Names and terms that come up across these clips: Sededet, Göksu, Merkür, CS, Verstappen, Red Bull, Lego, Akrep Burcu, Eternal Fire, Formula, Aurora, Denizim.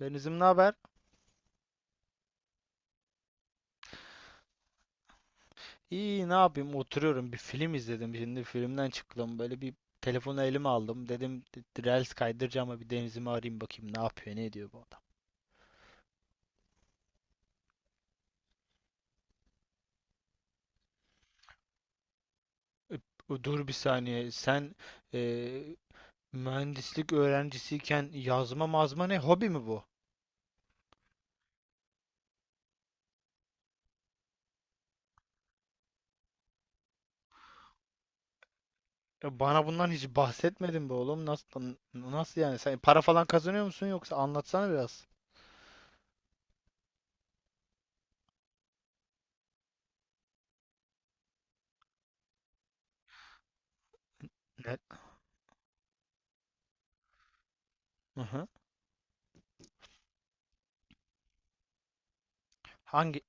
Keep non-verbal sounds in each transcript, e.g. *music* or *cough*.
Denizim, ne haber? İyi, ne yapayım, oturuyorum, bir film izledim, şimdi filmden çıktım, böyle bir telefonu elime aldım, dedim Reels kaydıracağım ama bir Denizim'i arayayım, bakayım ne yapıyor ne ediyor bu adam. E, Dur bir saniye sen, e, mühendislik öğrencisiyken yazma mazma ne, hobi mi bu? Bana bundan hiç bahsetmedin be oğlum. Nasıl yani, sen para falan kazanıyor musun, yoksa anlatsana biraz. Ne? Hı hı. Hangi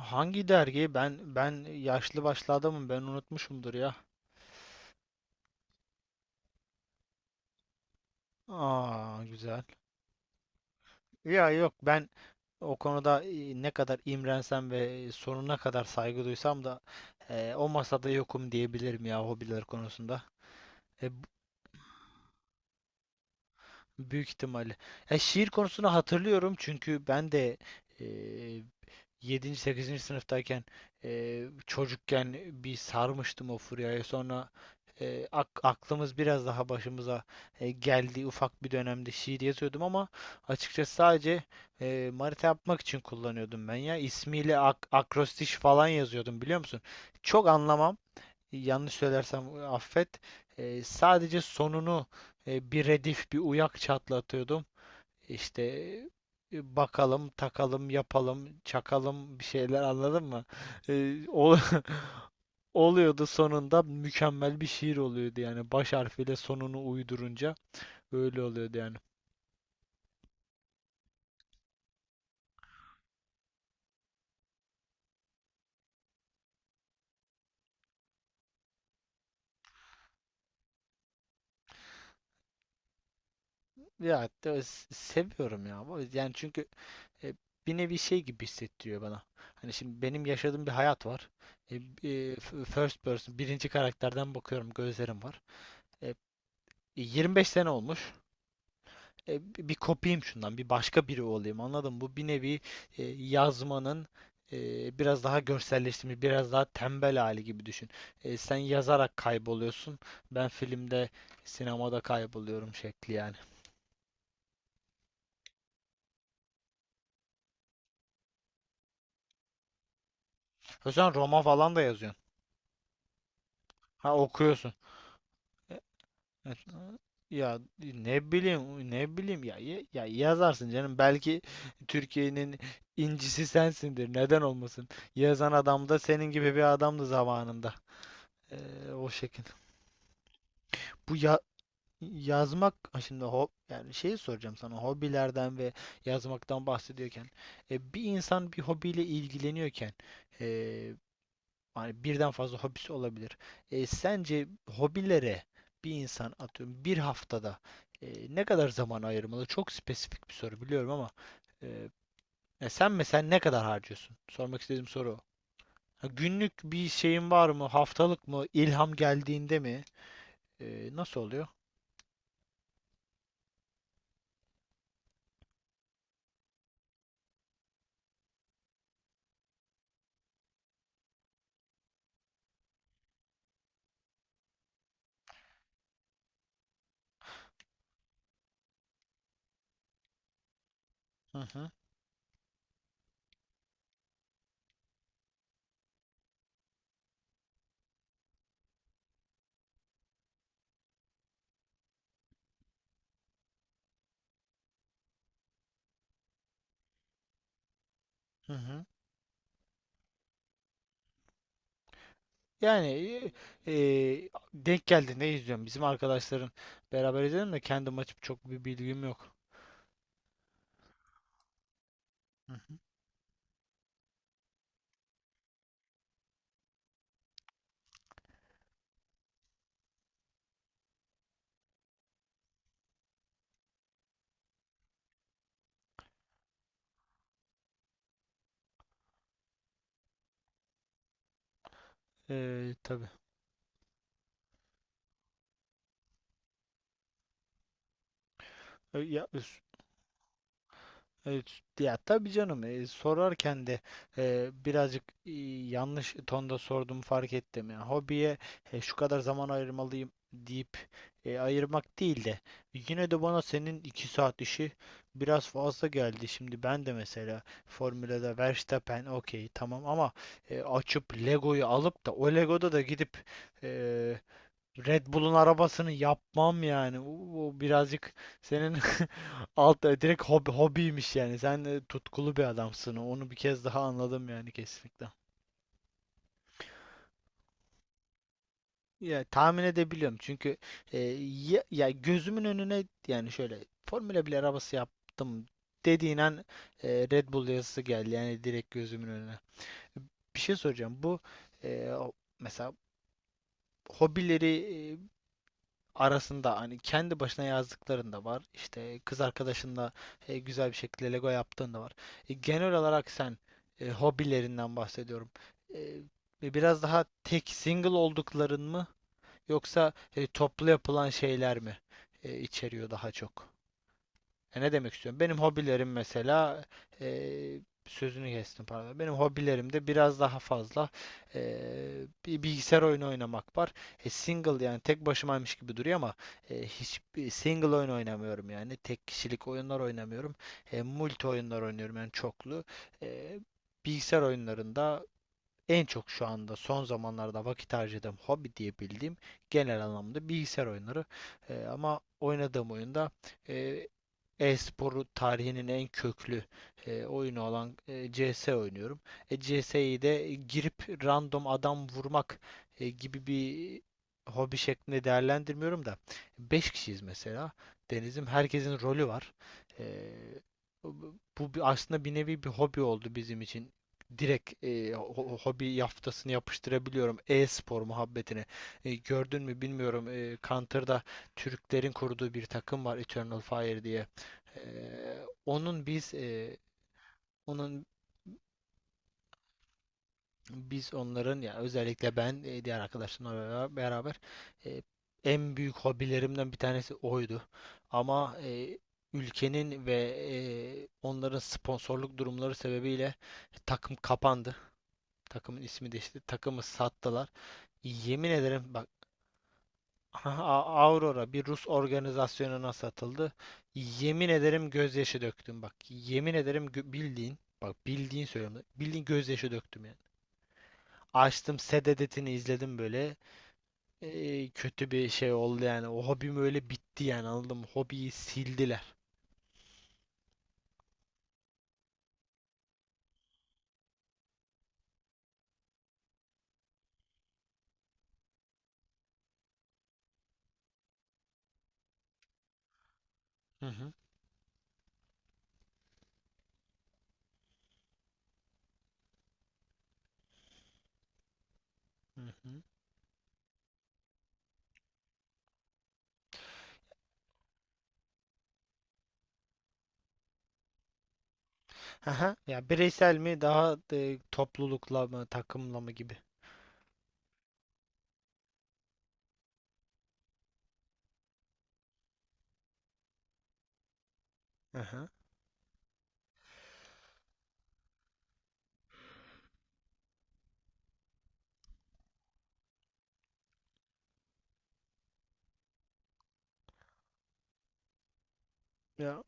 hangi dergi? Ben yaşlı başlı adamım, ben unutmuşumdur ya. Aa, güzel. Ya yok, ben o konuda, ne kadar imrensem ve sonuna kadar saygı duysam da, o masada yokum diyebilirim ya, hobiler konusunda. E, b- büyük ihtimalle. Şiir konusunu hatırlıyorum çünkü ben de, e, 7. 8. sınıftayken, çocukken bir sarmıştım o furyaya. Sonra aklımız biraz daha başımıza geldi. Ufak bir dönemde şiir yazıyordum ama açıkçası sadece, manita yapmak için kullanıyordum ben ya. İsmiyle akrostiş falan yazıyordum, biliyor musun? Çok anlamam, yanlış söylersem affet. Sadece sonunu, bir redif, bir uyak çatlatıyordum. İşte bakalım, takalım, yapalım, çakalım bir şeyler, anladın mı? E, ol- *laughs* Oluyordu, sonunda mükemmel bir şiir oluyordu yani, baş harfiyle sonunu uydurunca öyle oluyordu yani. Ya seviyorum ya bu, yani çünkü e, bir nevi şey gibi hissettiriyor bana. Hani şimdi benim yaşadığım bir hayat var. E, first person, birinci karakterden bakıyorum, gözlerim var. E, 25 sene olmuş. e, bir kopayım şundan, bir başka biri olayım. Anladın mı? Bu bir nevi yazmanın biraz daha görselleştirilmiş, biraz daha tembel hali gibi düşün. Sen yazarak kayboluyorsun. Ben filmde, sinemada kayboluyorum şekli yani. O, sen roman falan da yazıyorsun. Ha, okuyorsun. E, evet. Ya ne bileyim, ne bileyim ya, ya yazarsın canım. Belki Türkiye'nin incisi sensindir, neden olmasın? Yazan adam da senin gibi bir adamdı zamanında. O şekil. Bu ya yazmak. Ha, şimdi yani şeyi soracağım sana, hobilerden ve yazmaktan bahsediyorken, bir insan bir hobiyle ilgileniyorken e, hani birden fazla hobisi olabilir. Sence hobilere bir insan, atıyorum bir haftada, ne kadar zaman ayırmalı? Çok spesifik bir soru biliyorum ama, e, ya sen mesela ne kadar harcıyorsun? Sormak istediğim soru o. Ha, günlük bir şeyin var mı? Haftalık mı? İlham geldiğinde mi? Nasıl oluyor? Hı hı. Hı hı. Yani e, e, denk geldi, ne izliyorum. Bizim arkadaşların beraber izledim de kendim açıp çok bir bilgim yok. Hı hı. Tabii. Ya, evet, ya tabii canım, sorarken de, birazcık yanlış tonda sordum, fark ettim. Yani hobiye, şu kadar zaman ayırmalıyım deyip ayırmak değil de, yine de bana senin 2 saat işi biraz fazla geldi. Şimdi ben de mesela Formula'da Verstappen, okey tamam, ama açıp Lego'yu alıp da o Lego'da da gidip e, Red Bull'un arabasını yapmam yani. O birazcık senin *laughs* alt direkt hobi, hobiymiş yani. Sen tutkulu bir adamsın, onu bir kez daha anladım yani, kesinlikle. Ya tahmin edebiliyorum, çünkü e, ya gözümün önüne yani şöyle Formula bir arabası yaptım dediğin an, Red Bull yazısı geldi yani direkt gözümün önüne. Bir şey soracağım. E, o- mesela hobileri e, arasında hani kendi başına yazdıkların da var. İşte kız arkadaşınla güzel bir şekilde Lego yaptığın da var. Genel olarak sen, hobilerinden bahsediyorum. Biraz daha tek single oldukların mı, yoksa toplu yapılan şeyler mi içeriyor daha çok? Ne demek istiyorum? Benim hobilerim mesela, e, sözünü kestim, pardon. Benim hobilerimde biraz daha fazla e, bir bilgisayar oyunu oynamak var. Single, yani tek başımaymış gibi duruyor ama hiçbir single oyun oynamıyorum yani, tek kişilik oyunlar oynamıyorum. Multi oyunlar oynuyorum, yani çoklu. E, bilgisayar oyunlarında en çok şu anda son zamanlarda vakit harcadığım hobi diyebildiğim, genel anlamda bilgisayar oyunları. Ama oynadığım oyunda e, e-sporu tarihinin en köklü oyunu olan CS oynuyorum. CS'yi de girip random adam vurmak gibi bir hobi şeklinde değerlendirmiyorum da, beş kişiyiz mesela. Deniz'im, herkesin rolü var. E, Bu aslında bir nevi bir hobi oldu bizim için. Direkt hobi yaftasını yapıştırabiliyorum e-spor muhabbetine. Gördün mü bilmiyorum. Counter'da Türklerin kurduğu bir takım var, Eternal Fire diye. Eee, onun biz eee, onun biz onların, ya özellikle ben, diğer arkadaşlarımla beraber, eee, en büyük hobilerimden bir tanesi oydu. Ama ülkenin ve onların sponsorluk durumları sebebiyle takım kapandı. Takımın ismi değişti, takımı sattılar. Yemin ederim, bak. Aha, Aurora bir Rus organizasyonuna satıldı. Yemin ederim, gözyaşı döktüm bak. Yemin ederim bildiğin, bak bildiğin söylüyorum, bildiğin gözyaşı döktüm yani. Açtım Sededet'ini izledim böyle. Kötü bir şey oldu yani. O hobim öyle bitti yani, anladın mı? Hobiyi sildiler. Hı hı. Hı hı. Aha. Ya, bireysel mi daha, toplulukla mı, takımla mı gibi. Aha. Ya,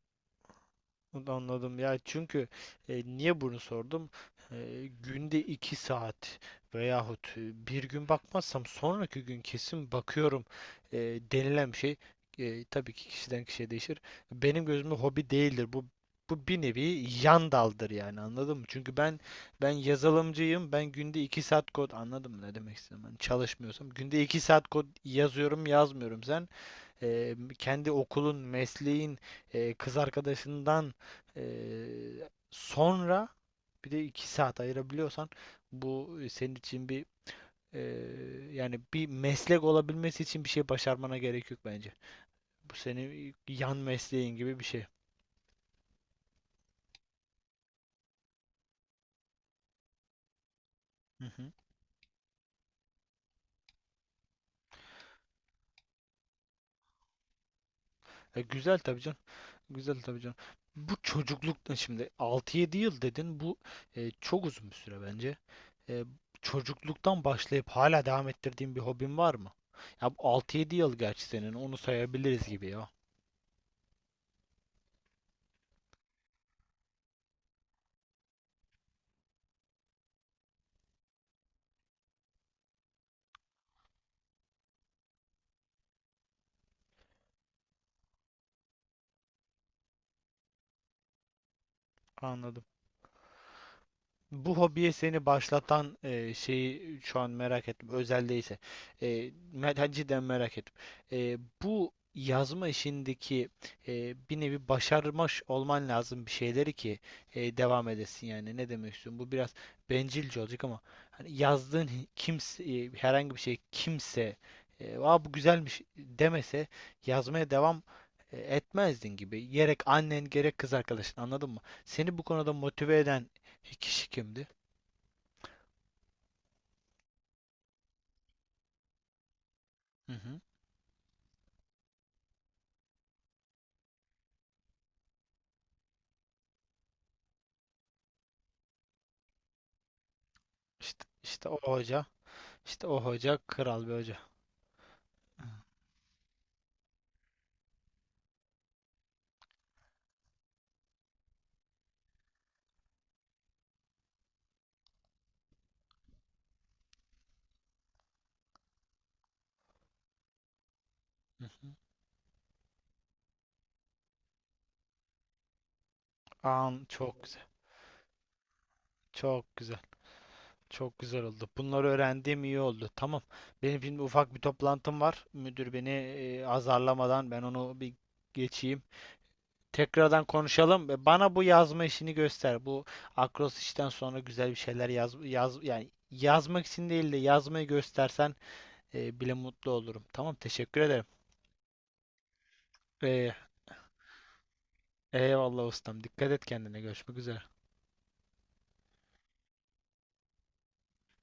anladım. Ya çünkü, niye bunu sordum? Günde 2 saat veyahut bir gün bakmazsam sonraki gün kesin bakıyorum e, denilen bir şey, tabii ki kişiden kişiye değişir. Benim gözümde hobi değildir. Bu bir nevi yan daldır yani, anladın mı? Çünkü ben yazılımcıyım. Ben günde 2 saat kod, anladım ne demek istedim. Ben çalışmıyorsam günde 2 saat kod yazıyorum, yazmıyorum. Sen kendi okulun, mesleğin, kız arkadaşından e, sonra bir de 2 saat ayırabiliyorsan, bu senin için bir, e, yani bir meslek olabilmesi için bir şey başarmana gerek yok bence. Bu senin yan mesleğin gibi bir şey. Hı hı. Güzel tabii canım. Güzel tabii canım. Bu çocuklukta şimdi 6-7 yıl dedin. Bu çok uzun bir süre bence. E, çocukluktan başlayıp hala devam ettirdiğin bir hobin var mı? Ya bu 6-7 yıl gerçi senin, onu sayabiliriz gibi ya. Anladım. Bu hobiye seni başlatan şeyi şu an merak ettim, özel değilse. E, cidden merak ettim. E, bu yazma işindeki, bir nevi başarmış olman lazım bir şeyleri ki devam edesin yani. Ne demek istiyorum? Bu biraz bencilce olacak ama hani yazdığın kimse, herhangi bir şey, kimse Aa, bu güzelmiş demese, yazmaya devam etmezdin gibi. Gerek annen, gerek kız arkadaşın, anladın mı? Seni bu konuda motive eden İki kişi kimdi? Hı hı. İşte, işte o hoca. İşte o hoca, kral bir hoca. Hı hı. An, çok güzel. Çok güzel. Çok güzel oldu, bunları öğrendiğim iyi oldu. Tamam. Benim şimdi ufak bir toplantım var, müdür beni azarlamadan ben onu bir geçeyim. Tekrardan konuşalım. Bana bu yazma işini göster. Bu akros işten sonra güzel bir şeyler yaz, yaz yani, yazmak için değil de yazmayı göstersen bile mutlu olurum. Tamam, teşekkür ederim. E, Eyvallah ustam, dikkat et kendine. Görüşmek üzere.